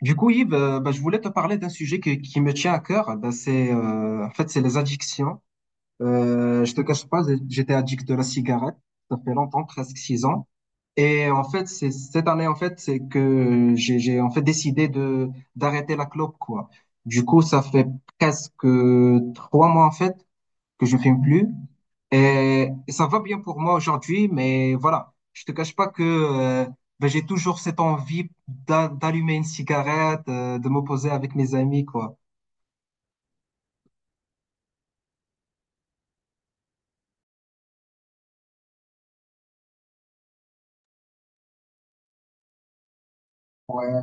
Du coup, Yves, bah, je voulais te parler d'un sujet qui me tient à cœur. Bah, c'est, en fait, c'est les addictions. Je te cache pas, j'étais addict de la cigarette. Ça fait longtemps, presque 6 ans. Et en fait, c'est cette année, en fait, c'est que j'ai en fait décidé de d'arrêter la clope, quoi. Du coup, ça fait presque 3 mois, en fait que je fume plus. Et ça va bien pour moi aujourd'hui, mais voilà, je te cache pas que ben, j'ai toujours cette envie d'allumer une cigarette, de m'opposer avec mes amis, quoi. Ouais,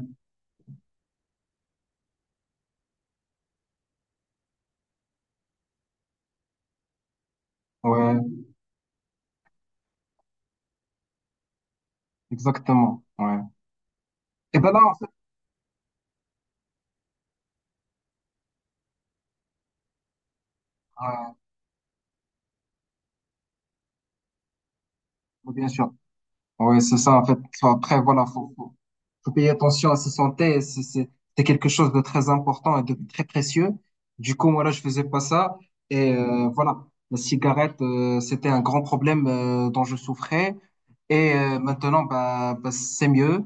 ouais, exactement. Ouais. Et ben là, en fait, ouais, bien sûr. Oui, c'est ça, en fait. Enfin, après, voilà, faut payer attention à sa santé. C'est quelque chose de très important et de très précieux. Du coup, moi, là, je faisais pas ça. Et voilà, la cigarette, c'était un grand problème dont je souffrais. Et maintenant, bah, c'est mieux.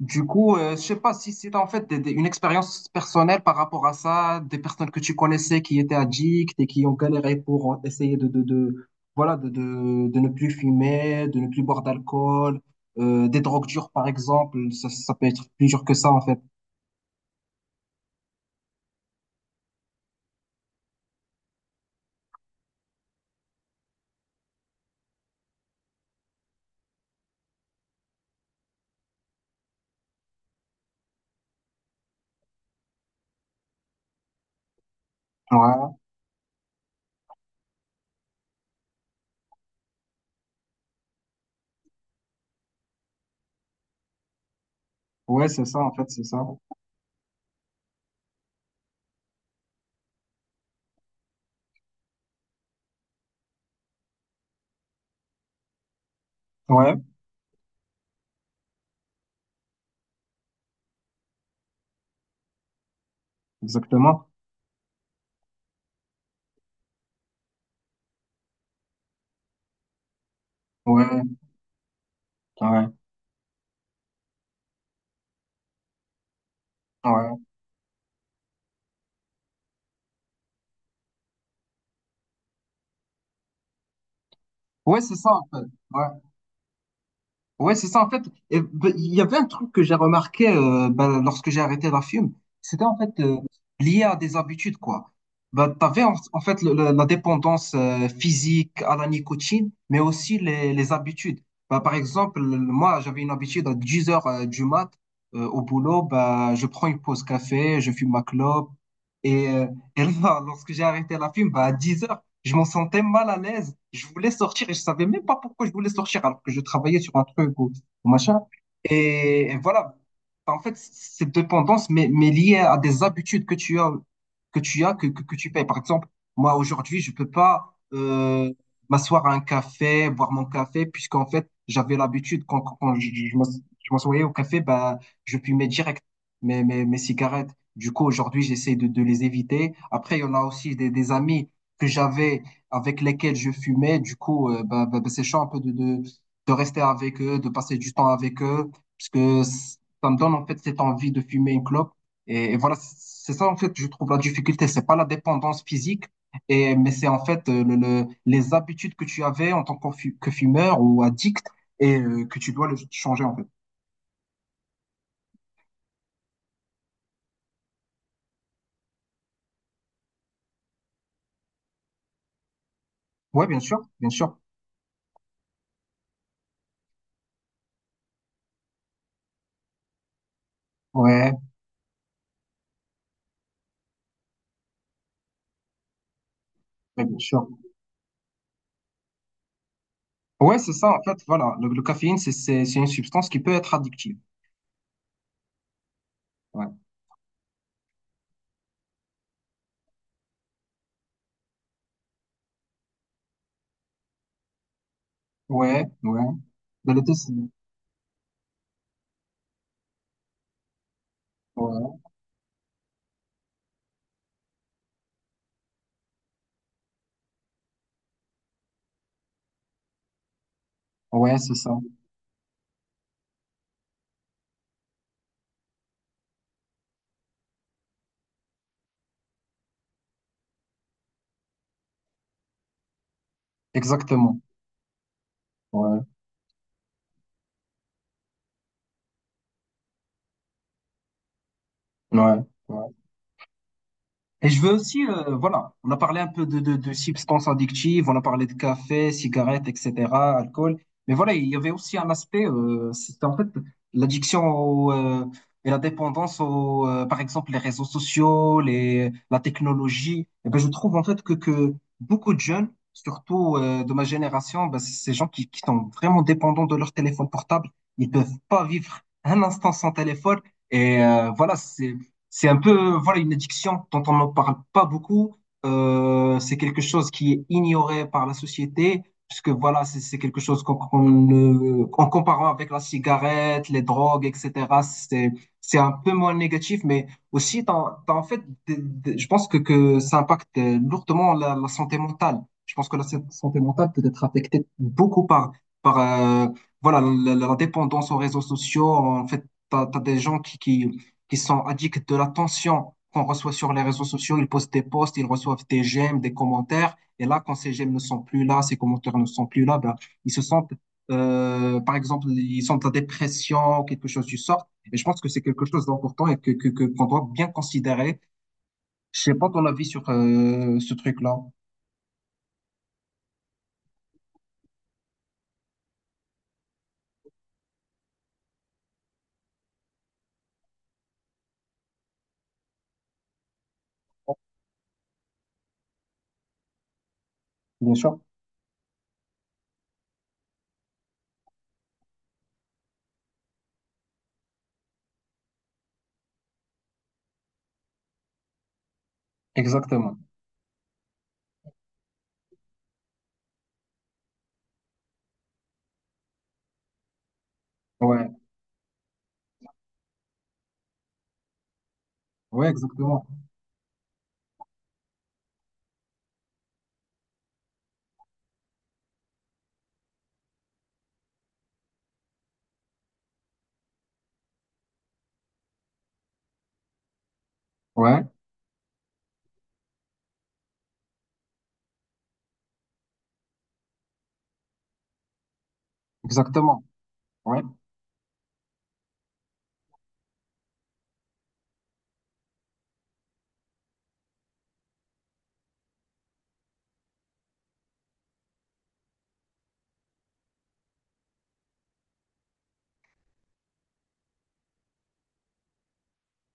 Du coup, je sais pas si c'est en fait une expérience personnelle par rapport à ça, des personnes que tu connaissais qui étaient addictes et qui ont galéré pour essayer de voilà de ne plus fumer, de ne plus boire d'alcool, des drogues dures par exemple, ça peut être plus dur que ça en fait. Ouais, ouais, c'est ça en fait, c'est ça. Ouais, exactement. Ouais, ouais, ouais. Ouais, c'est ça en fait. Ouais. Ouais, c'est ça, en fait. Et, ben, il y avait un truc que j'ai remarqué ben, lorsque j'ai arrêté la fume, c'était en fait lié à des habitudes, quoi. Ben, t'avais en fait la dépendance physique à la nicotine, mais aussi les habitudes. Ben, par exemple, moi, j'avais une habitude à 10 heures du mat au boulot, ben, je prends une pause café, je fume ma clope. Et, euh, et là, lorsque j'ai arrêté la fume, ben, à 10 heures je m'en sentais mal à l'aise. Je voulais sortir et je savais même pas pourquoi je voulais sortir alors que je travaillais sur un truc ou machin. Et voilà. En fait, cette dépendance mais liée à des habitudes que tu as, que tu payes. Par exemple, moi, aujourd'hui, je peux pas m'asseoir à un café, boire mon café, puisqu'en fait, j'avais l'habitude, quand je m'assoyais au café, bah, je fumais direct mes cigarettes. Du coup, aujourd'hui, j'essaie de les éviter. Après, il y en a aussi des amis que j'avais, avec lesquels je fumais. Du coup, bah, c'est chaud un peu de rester avec eux, de passer du temps avec eux, parce que ça me donne en fait cette envie de fumer une clope. Et voilà, c'est ça en fait, je trouve la difficulté. C'est pas la dépendance physique, mais c'est en fait les habitudes que tu avais en tant que que fumeur ou addict et que tu dois le changer en fait. Ouais, bien sûr, bien sûr. Ouais, ouais, bien sûr. Ouais, c'est ça en fait, voilà. Le caféine, c'est une substance qui peut être addictive. Ouais, ouais, ouais. De l'autocine. Ouais, ouais, c'est ça. Exactement. Ouais, ouais. Ouais. Et je veux aussi, voilà, on a parlé un peu de substances addictives, on a parlé de café, cigarettes, etc., alcool. Mais voilà, il y avait aussi un aspect, c'était en fait l'addiction au, et la dépendance aux, par exemple, les réseaux sociaux, la technologie. Et ben, je trouve en fait que beaucoup de jeunes, surtout de ma génération, ben, c'est ces gens qui sont vraiment dépendants de leur téléphone portable. Ils peuvent pas vivre un instant sans téléphone. Et voilà, c'est un peu, voilà, une addiction dont on n'en parle pas beaucoup. C'est quelque chose qui est ignoré par la société, puisque voilà, c'est quelque chose qu'on en comparant avec la cigarette, les drogues, etc., c'est, c'est un peu moins négatif, mais aussi, t'as en fait, je pense que ça impacte lourdement la santé mentale. Je pense que la santé mentale peut être affectée beaucoup par voilà, la dépendance aux réseaux sociaux. En fait, t'as des gens qui sont addicts de l'attention qu'on reçoit sur les réseaux sociaux. Ils postent des posts, ils reçoivent des j'aime, des commentaires. Et là, quand ces j'aime ne sont plus là, ces commentaires ne sont plus là, ben, ils se sentent, par exemple, ils sont en dépression, quelque chose du sort. Et je pense que c'est quelque chose d'important et qu'on doit bien considérer. Je sais pas ton avis sur ce truc-là. Bien sûr. Exactement. Ouais. Ouais, exactement. Ouais. Exactement. Ouais.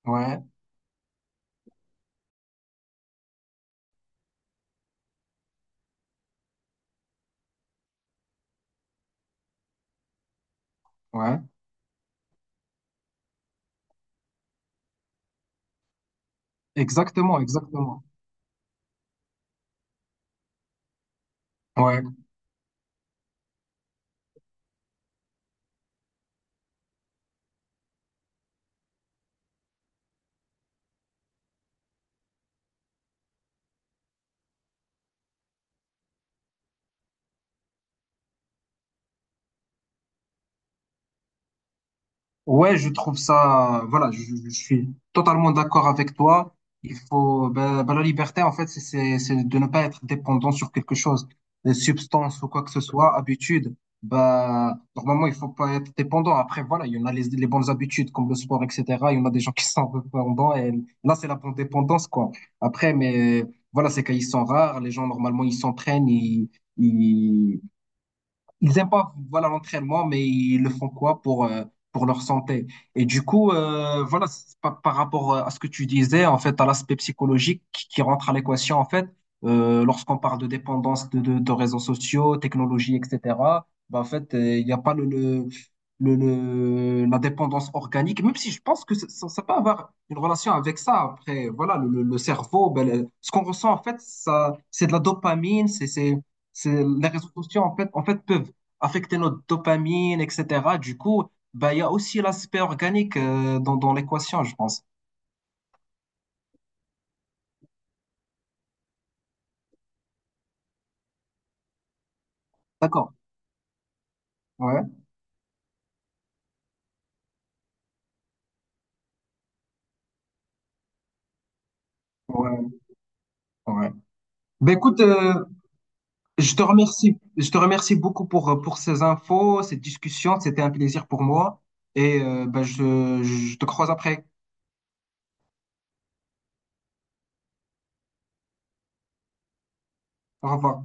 Ouais. Ouais. Exactement. Exactement. Ouais. Ouais, je trouve ça, voilà, je suis totalement d'accord avec toi. Il faut, ben, la liberté, en fait, c'est de ne pas être dépendant sur quelque chose, une substance ou quoi que ce soit, habitude. Ben, normalement, il faut pas être dépendant. Après, voilà, il y en a les bonnes habitudes comme le sport, etc. Il y en a des gens qui sont dépendants et là, c'est la bonne dépendance, quoi. Après, mais voilà, c'est qu'ils sont rares. Les gens, normalement, ils s'entraînent, ils, ils aiment pas voilà l'entraînement, mais ils le font quoi pour leur santé. Et du coup, voilà, c'est par rapport à ce que tu disais, en fait, à l'aspect psychologique qui rentre à l'équation, en fait, lorsqu'on parle de dépendance de réseaux sociaux, technologie, etc. Bah, en fait, il n'y a pas la dépendance organique, même si je pense que ça peut avoir une relation avec ça. Après, voilà, le cerveau, ben, ce qu'on ressent, en fait, ça, c'est de la dopamine, les réseaux sociaux, en fait, peuvent affecter notre dopamine, etc. Du coup, bah, il y a aussi l'aspect organique dans l'équation, je pense. D'accord. Ouais, ouais, ouais. Ben écoute, je te remercie. Je te remercie beaucoup pour ces infos, cette discussion. C'était un plaisir pour moi. Et ben, je te croise après. Au revoir.